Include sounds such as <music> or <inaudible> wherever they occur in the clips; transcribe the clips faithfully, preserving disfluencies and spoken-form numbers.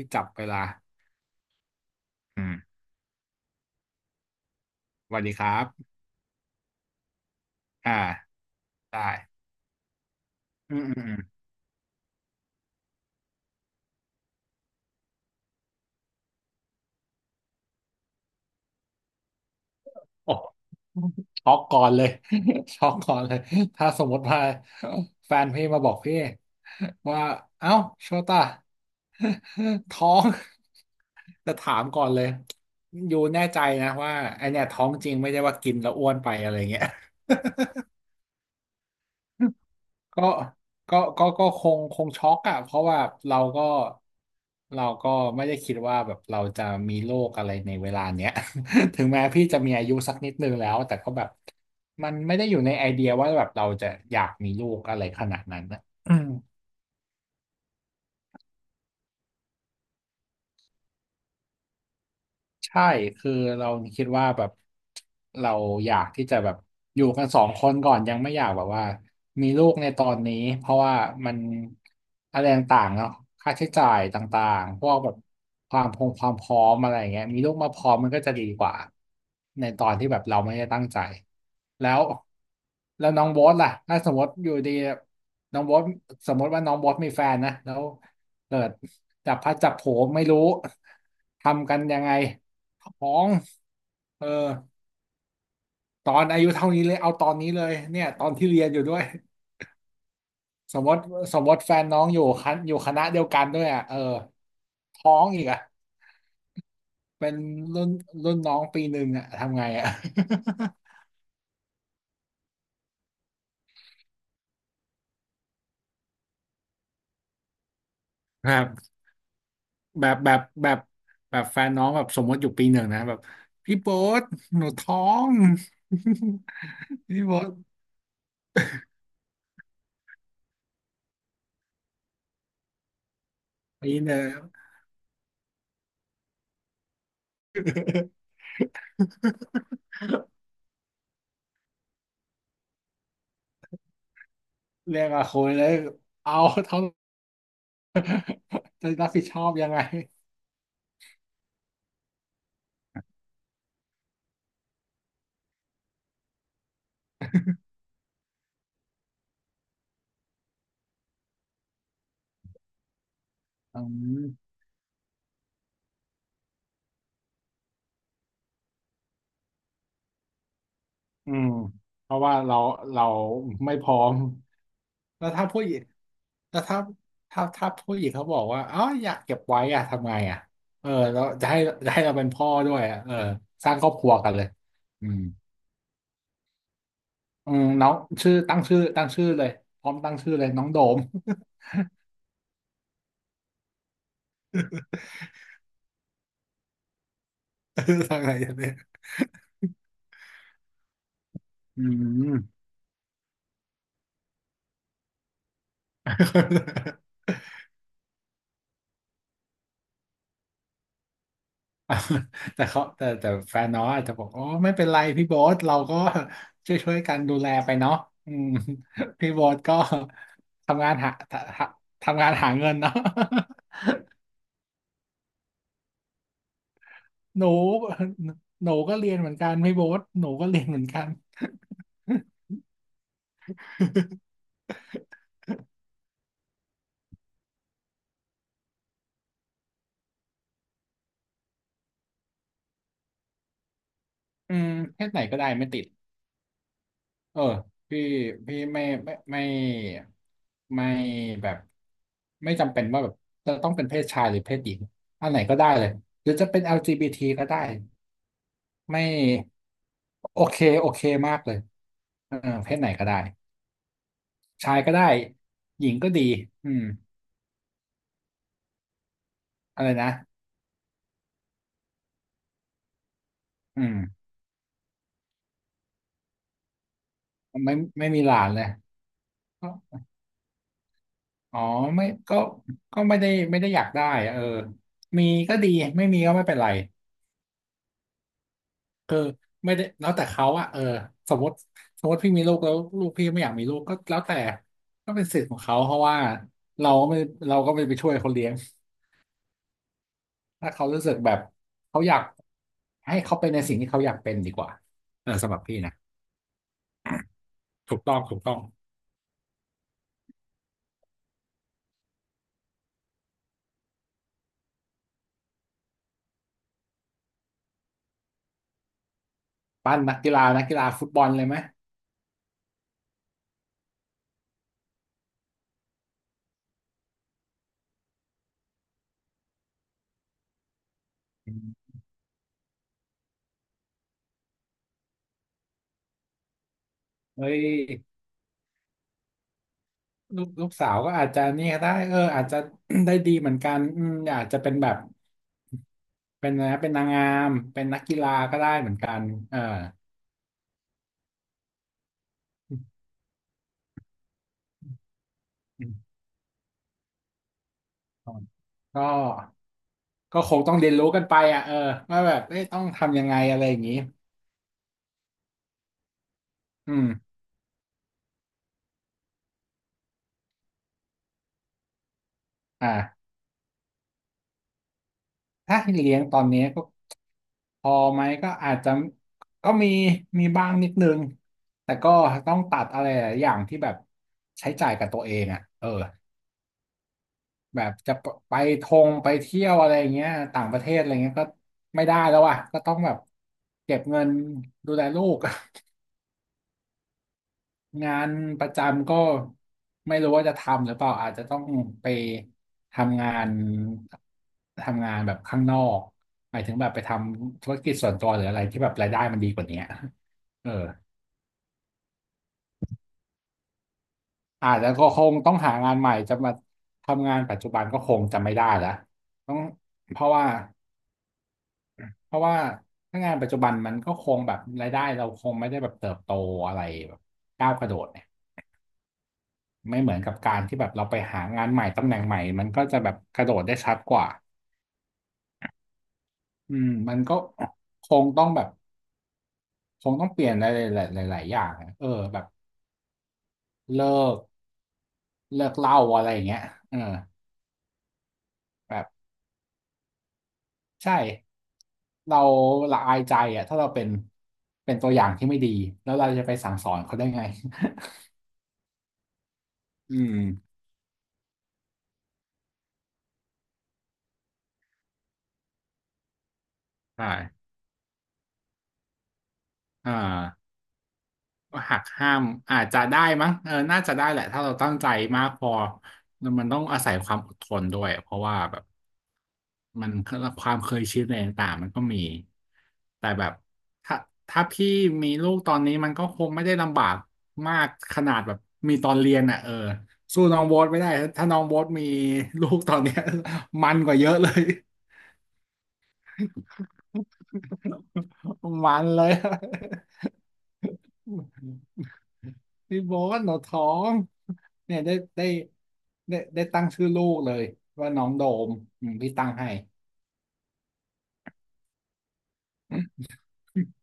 ที่จับเวลาอืมสวัสดีครับอ่าได้อืมอืมอืมโอ้ช็อกก่อนเลย <laughs> ช็อกก่อนเลย ถ้าสมมติว่าแฟนพี่มาบอกพี่ว่า เอ้าโชต้า <laughs> ท้อง <laughs> จะถามก่อนเลยอยู่แน่ใจนะว่าไอเนี่ยท้องจริงไม่ใช่ว่ากินแล้วอ้วนไปอะไรเงี้ย ก็ก็ก็ก็คงคงช็อกอะเพราะว่าเราก็เราก็ไม่ได้คิดว่าแบบเราจะมีโรคอะไรในเวลาเนี้ย <laughs> ถึงแม้พี่จะมีอายุสักนิดนึงแล้ว แต่ก็แบบมันไม่ได้อยู่ในไอเดียว่าแบบเราจะอยากมีลูกอะไรขนาดนั้นนะ ใช่คือเราคิดว่าแบบเราอยากที่จะแบบอยู่กันสองคนก่อนยังไม่อยากแบบว่ามีลูกในตอนนี้เพราะว่ามันอะไรต่างๆเนาะค่าใช้จ่ายต่างๆพวกแบบความพงความพร้อมอะไรอย่างเงี้ยมีลูกมาพร้อมมันก็จะดีกว่าในตอนที่แบบเราไม่ได้ตั้งใจแล้วแล้วน้องโบ๊ทล่ะถ้าสมมติอยู่ดีน้องโบ๊ทสมมติว่าน้องโบ๊ทมีแฟนนะแล้วเกิดจับพลัดจับผลูไม่รู้ทำกันยังไง ของเออตอนอายุเท่านี้เลยเอาตอนนี้เลยเนี่ยตอนที่เรียนอยู่ด้วยสมมติสมมติแฟนน้องอยู่คณะอยู่คณะเดียวกันด้วยอ่ะเออท้องอีกอ่ะเป็นรุ่นรุ่นน้องปีหนึ่งอ่ะทำไงอ่ะ <laughs> แบบแบบแบบแบบแบบแฟนน้องแบบสมมติอยู่ปีหนึ่งนะแบบพี่โบ๊ทหนูท้อง <laughs> พี่โบ๊ทปีหนึ่ง <laughs> เรียกมาคุยเลยเอา <laughs> เท่า <laughs> จะรับผิดชอบยังไงอืม อืมเพราะว่าเราเราไม่พร้อมแล้วถ้าผู้หญิงแล้วถ้าถ้าถ้าผู้หญิงเขาบอกว่าอ๋ออยากเก็บไว้อะทำไงอะเออแล้วจะให้จะให้เราเป็นพ่อด้วยอะเออสร้างครอบครัวกันเลยอืมอืมน้องชื่อตั้งชื่อตั้งชื่อเลยพร้อมตั้งชื่อเลยน้องโดม <laughs> ทางไหนกันเนี่ยอืม <laughs> <laughs> แต่เขาแต่แต่แฟนน้องอาจจะบอกอ๋อไม่เป็นไรพี่โบ๊ทเราก็ช่วยช่วยกันดูแลไปเนาะอืม <laughs> พี่โบ๊ทก็ทำงานหาทำทำงานหาเงินเนาะ <laughs> หนูหนูก็เรียนเหมือนกันพี่โบ๊ทหนูก็เรียนเหมือนกัน <laughs> อืมเพศไหนก็ได้ไม่ติด เออพี่พี่ไม่ไม่ไม่ไม่แบบไม่จำเป็นว่าแบบจะต้องเป็นเพศชายหรือเพศหญิงอันไหนก็ได้เลยหรือจะเป็น แอล จี บี ที ก็ได้ไม่โอเคโอเคมากเลยเออเพศไหนก็ได้ชายก็ได้หญิงก็ดีอืมอะไรนะอืมไม่ไม่มีหลานเลยก็อ๋อไม่ก็ก็ไม่ได้ไม่ได้อยากได้เออมีก็ดีไม่มีก็ไม่เป็นไร เออไม่ได้แล้วแต่เขาอะเออสมมติสมมติพี่มีลูกแล้วลูกพี่ไม่อยากมีลูกก็แล้วแต่ก็เป็นสิทธิ์ของเขาเพราะว่าเราก็ไม่เราก็ไม่ไปช่วยเขาเลี้ยงถ้าเขารู้สึกแบบเขาอยากให้เขาเป็นในสิ่งที่เขาอยากเป็นดีกว่าเออสำหรับพี่นะถูกต้องถูกต้องปั้นนักกีฬานักกีฬาฟุตบอลเลยไหมอืมเฮ้ยลูกลูกสาวก็อาจจะเนี่ยได้เอออาจจะ <coughs> <clears throat> ได้ดีเหมือนกันอืมอาจจะเป็นแบบเป็นนะไรนะเป็นนางงามเป็นนักกีฬาก็ได้เหมือนกันเออ ก็ก็คงต้องเรียนรู้กันไปอ่ะเออว่าแบบเอ้ยต้องทำยังไงอะไรอย่างนี้อืมอ่าถ้าให้เลี้ยงตอนนี้ก็พอไหมก็อาจจะก็มีมีบ้างนิดนึงแต่ก็ต้องตัดอะไรหลายอย่างที่แบบใช้จ่ายกับตัวเองอ่ะเออแบบจะไปทงไปเที่ยวอะไรอย่างเงี้ยต่างประเทศอะไรเงี้ยก็ไม่ได้แล้วอ่ะก็ต้องแบบเก็บเงินดูแลลูก งานประจำก็ไม่รู้ว่าจะทำหรือเปล่าอาจจะต้องไปทำงานทำงานแบบข้างนอกหมายถึงแบบไปทำธุรกิจส่วนตัวหรืออะไรที่แบบรายได้มันดีกว่านี้เอออาจจะก็คงต้องหางานใหม่จะมาทำงานปัจจุบันก็คงจะไม่ได้ละต้องเพราะว่าเพราะว่าถ้างานปัจจุบันมันก็คงแบบรายได้เราคงไม่ได้แบบเติบโตอะไรแบบก้าวกระโดดเนี่ย ไม่เหมือนกับการที่แบบเราไปหางานใหม่ตำแหน่งใหม่ มันก็จะแบบกระโดดได้ชัดกว่าอืมมันก็คงต้องแบบคงต้องเปลี่ยนอะไรหลายๆหลายๆอย่างอะเออแบบเลิกเลิกเหล้าอะไรอย่างเงี้ยเออแบบใช่เราละอายใจอ่ะถ้าเราเป็นเป็นตัวอย่างที่ไม่ดีแล้วเราจะไปสั่งสอนเขาได้ไง <laughs> อืมใช่อ่า หักห้ามอาจจะได้มั้งเออน่าจะได้แหละถ้าเราตั้งใจมากพอมันต้องอาศัยความอดทนด้วยเพราะว่าแบบมันความเคยชินอะไรต่างๆมันก็มีแต่แบบถ้าถ้าพี่มีลูกตอนนี้มันก็คงไม่ได้ลำบากมากขนาดแบบมีตอนเรียนอ่ะเออสู้น้องโบ๊ทไม่ได้ถ้าน้องโบ๊ทมีลูกตอนเนี้ย <laughs> มันกว่าเยอะเลย <laughs> มันเลย พี่โบนหนูท้องเนี่ยได้ได้ได้ได้ตั้งชื่อลูกเลยว่าน้องโดมอืมพี่ตั้งให้ <laughs>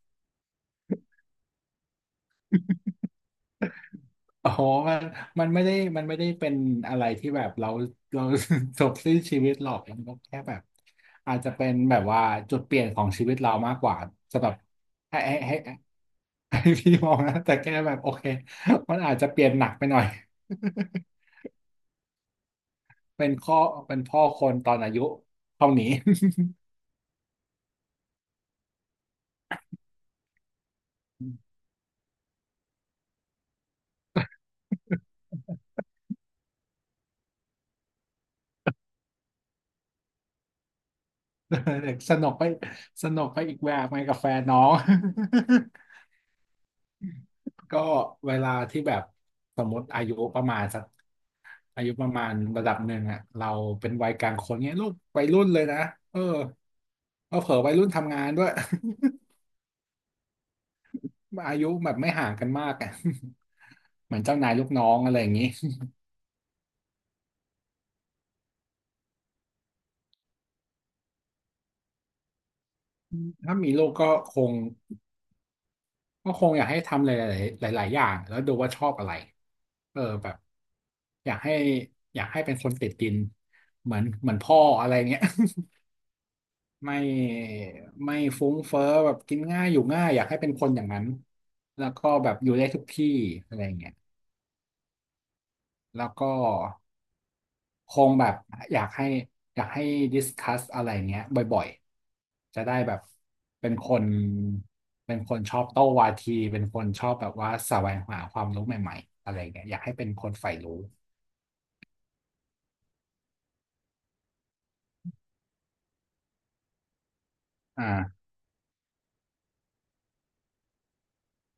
อ๋อมันมันไม่ได้มันไม่ได้เป็นอะไรที่แบบเรา <laughs> เรา <laughs> จบสิ้นชีวิตหรอกมันก็แค่แบบอาจจะเป็นแบบว่าจุดเปลี่ยนของชีวิตเรามากกว่าสำหรับให้ให้ให้ให้พี่มองนะแต่แค่แบบโอเคมันอาจจะเปลี่ยนหนักไปหน่อย <laughs> เป็นข้อเป็นพ่อคนตอนอายุเท่านี้ <laughs> สนุกไปสนุกไปอีกแบบไปกับแฟนน้อง <laughs> ก็เวลาที่แบบสมมติอายุประมาณสักอายุประมาณระดับหนึ่งอ่ะเราเป็นวัยกลางคนเนี้ยลูกวัยรุ่นเลยนะเออเออเผลอวัยรุ่นทำงานด้วย <laughs> อายุแบบไม่ห่างกันมากอ่ะ <laughs> เหมือนเจ้านายลูกน้องอะไรอย่างนี้ <laughs> ถ้ามีลูกก็คง ก็คงอยากให้ทำหลายๆหลายๆอย่างแล้วดูว่าชอบอะไรเออแบบอยากให้อยากให้เป็นคนติดดินเหมือนเหมือนพ่ออะไรเงี้ย <laughs> ไม่ไม่ฟุ้งเฟ้อแบบกินง่ายอยู่ง่ายอยากให้เป็นคนอย่างนั้นแล้วก็แบบอยู่ได้ทุกที่อะไรเงี้ยแล้วก็ คงแบบอยากให้อยากให้ดิสคัสอะไรเงี้ยบ่อยๆ จะได้แบบเป็นคนเป็นคนชอบโต้วาทีเป็นคนชอบแบบว่าแสวงหาความรู้ใหม่ๆอะไรเงี้ยอยากให้เป็นคนใฝ่รู้อ่า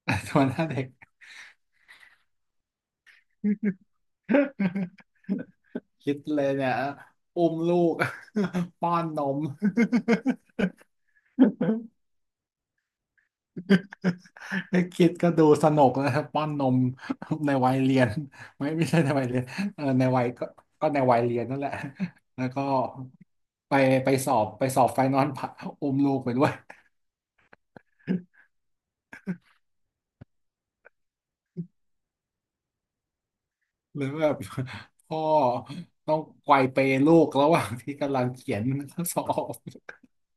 <laughs> ตัวหน้าเด็ก <laughs> คิดเลยเนี่ยอุ้มลูก <laughs> ป้อนนม <laughs> <laughs> ไอ้คิดก็ดูสนุกนะครับป้อนนมในวัยเรียน <laughs> ไม่ไม่ใช่ในวัยเรียนเออในวัยก็ก็ในวัยเรียนนั่นแหละ <laughs> แล้วก็ไปไปสอบไปสอบไฟนอล <laughs> ผ่าอุ้มลูกไปด้วย <laughs> หรือแบบ <laughs> พ่อต้องไกวเปลูกระหว่างที่กำลังเขียน <laughs> ข้อสอบ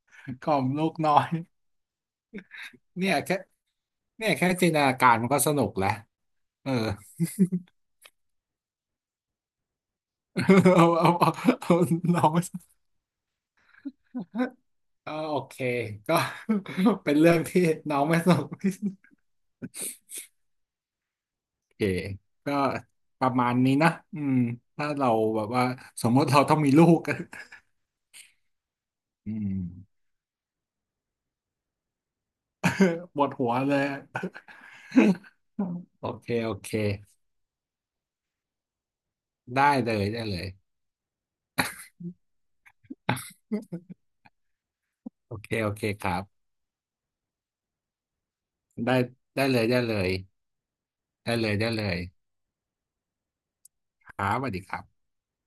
<laughs> กล่อมลูกน้อยเนี่ยแค่เนี่ยแค่จินตนาการมันก็สนุกแล้วเออ <laughs> เอาเอาเอาเอาน้อง ก็โอเคก็ <laughs> เป็นเรื่องที่น้องไม่สนุกที่สุดโอเคก็ประมาณนี้นะอืมถ้าเราแบบว่าสมมติเราต้องมีลูกอืมปวดหัวเลย <laughs> โอเคโอเคได้เลยได้เลยโอเคโอเคครับได้ได้เลยได้เลยได้เลยได้เลยครับสวัสดีครับ